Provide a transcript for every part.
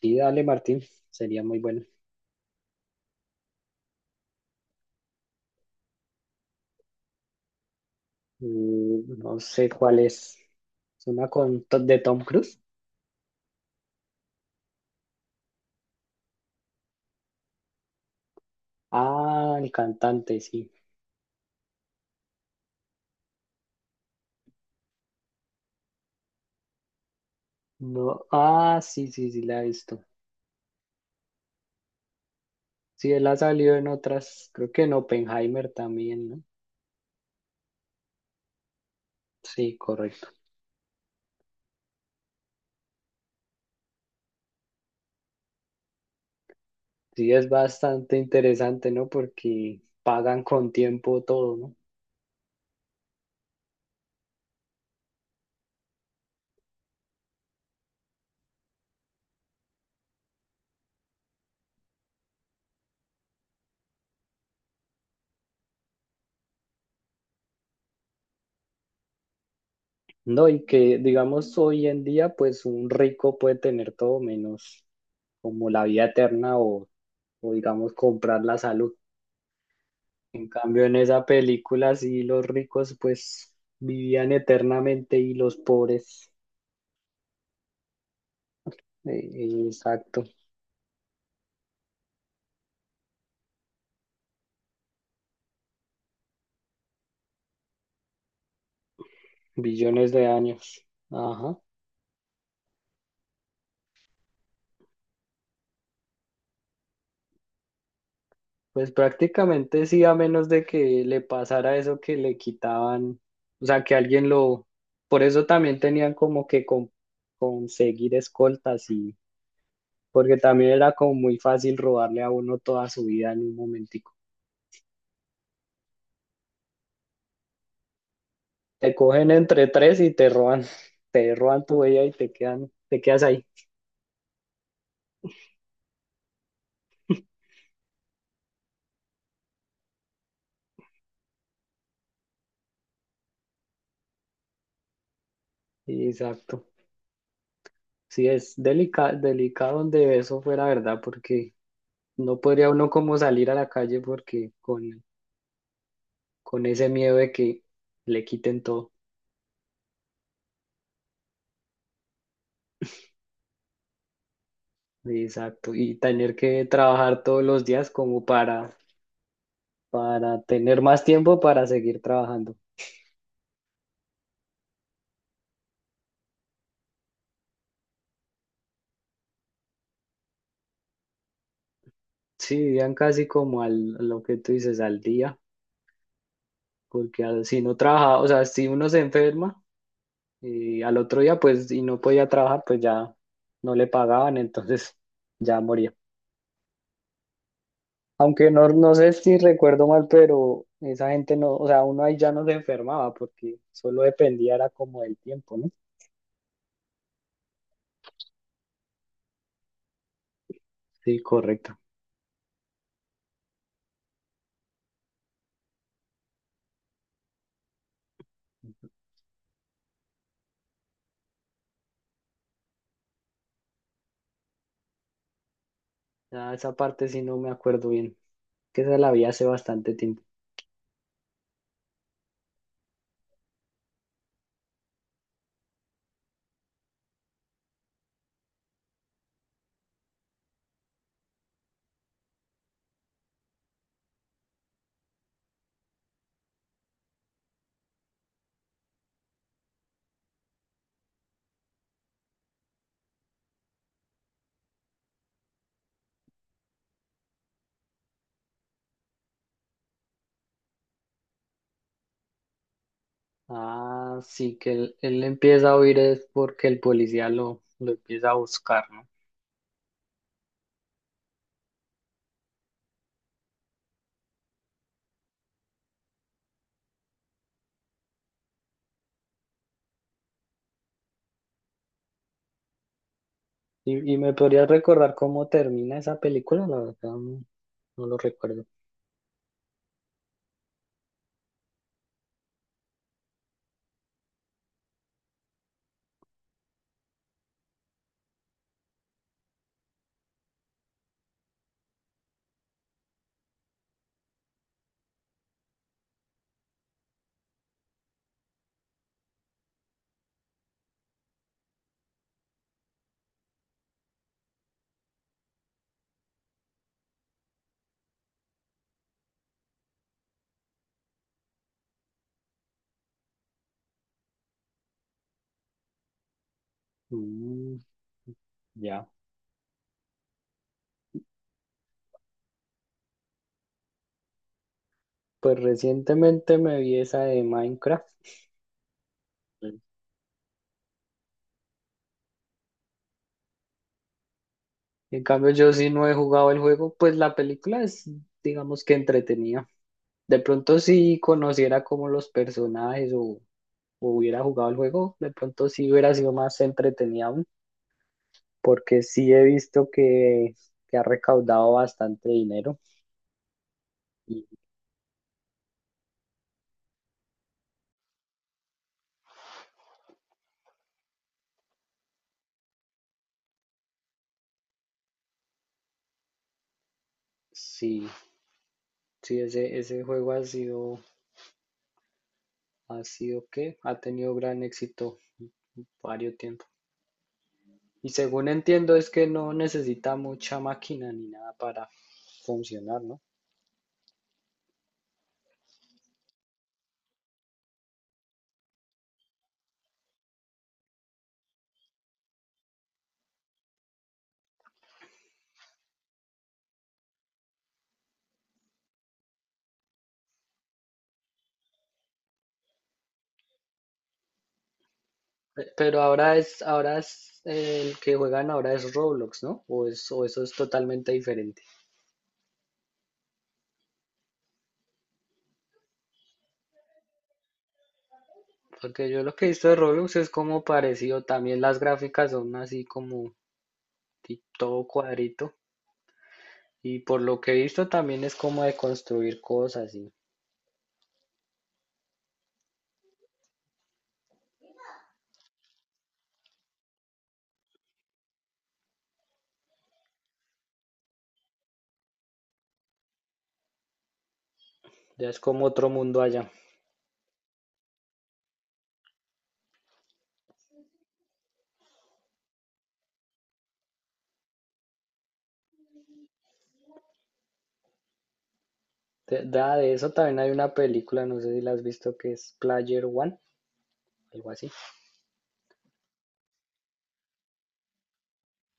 Sí, dale, Martín, sería muy bueno. Mm, no sé cuál es. ¿Es una con de Tom Cruise? Ah, el cantante, sí. No, ah, sí, sí, sí, la he visto. Sí, él ha salido en otras, creo que en Oppenheimer también, ¿no? Sí, correcto. Sí, es bastante interesante, ¿no? Porque pagan con tiempo todo, ¿no? No, y que digamos hoy en día, pues un rico puede tener todo menos como la vida eterna o digamos comprar la salud. En cambio, en esa película sí los ricos pues vivían eternamente y los pobres, exacto, billones de años. Ajá. Pues prácticamente sí, a menos de que le pasara eso que le quitaban, o sea, que alguien lo... Por eso también tenían como que conseguir escoltas y... Porque también era como muy fácil robarle a uno toda su vida en un momentico. Te cogen entre tres y te roban, te roban tu vida y te quedan, te quedas ahí. Sí, exacto. Sí, es delicado donde eso fuera verdad, porque no podría uno como salir a la calle porque con ese miedo de que le quiten todo. Exacto. Y tener que trabajar todos los días como para tener más tiempo para seguir trabajando. Sí, vivían casi como al, a lo que tú dices, al día, porque si no trabaja, o sea, si uno se enferma y al otro día pues y no podía trabajar, pues ya no le pagaban, entonces ya moría. Aunque no, no sé si recuerdo mal, pero esa gente no, o sea, uno ahí ya no se enfermaba porque solo dependía era como del tiempo, ¿no? Sí, correcto. Ya esa parte sí no me acuerdo bien, que se la vi hace bastante tiempo. Ah, sí, que él empieza a huir es porque el policía lo empieza a buscar, ¿no? Y me podrías recordar cómo termina esa película, la verdad no, no lo recuerdo. Mm, ya. Pues recientemente me vi esa de Minecraft. En cambio, yo sí no he jugado el juego, pues la película es, digamos que entretenida. De pronto, si conociera como los personajes o hubiera jugado el juego, de pronto sí hubiera sido más entretenida aún, porque sí he visto que ha recaudado bastante dinero. Y sí, sí, ese juego ha sido que ha tenido gran éxito varios tiempo. Y según entiendo, es que no necesita mucha máquina ni nada para funcionar, ¿no? Pero ahora es el que juegan ahora es Roblox, ¿no? O eso es totalmente diferente. Porque yo lo que he visto de Roblox es como parecido, también las gráficas son así como todo cuadrito. Y por lo que he visto también es como de construir cosas y ya es como otro mundo allá. De eso también hay una película, no sé si la has visto, que es Player One, algo así,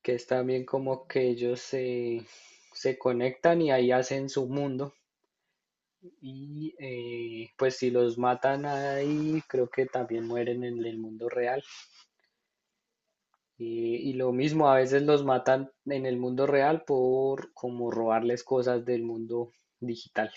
que es también como que se conectan y ahí hacen su mundo. Y pues si los matan ahí, creo que también mueren en el mundo real. Y lo mismo, a veces los matan en el mundo real por como robarles cosas del mundo digital.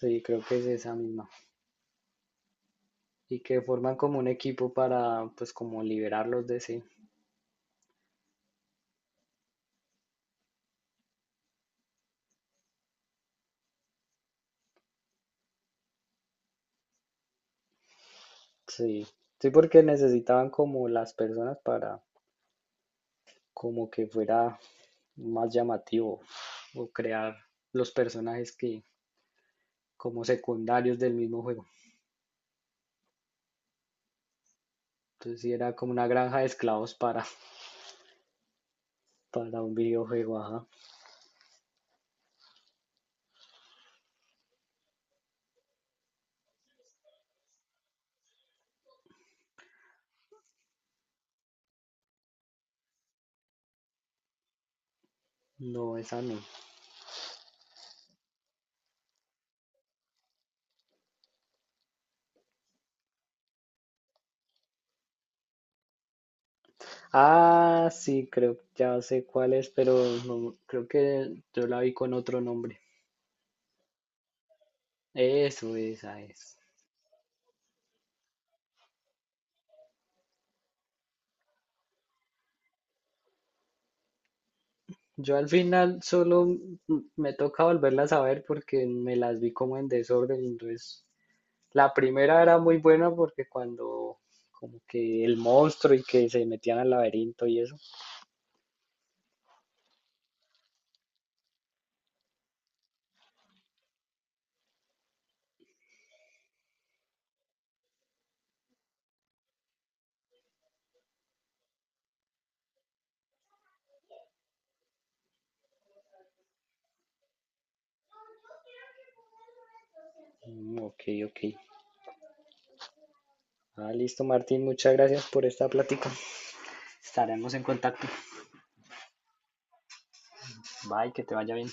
Sí, creo que es esa misma. Y que forman como un equipo para pues como liberarlos de sí. Sí, sí, porque necesitaban como las personas para como que fuera más llamativo o crear los personajes que como secundarios del mismo juego. Entonces sí era como una granja de esclavos para, para un videojuego, ajá. No, esa no. Ah, sí, creo, ya sé cuál es, pero no, creo que yo la vi con otro nombre. Eso, esa es. Yo al final solo me toca volverlas a ver porque me las vi como en desorden. Entonces, la primera era muy buena porque cuando como que el monstruo y que se metían al laberinto y eso. Mm, ok, ok. Ah, listo, Martín, muchas gracias por esta plática. Estaremos en contacto. Bye, que te vaya bien.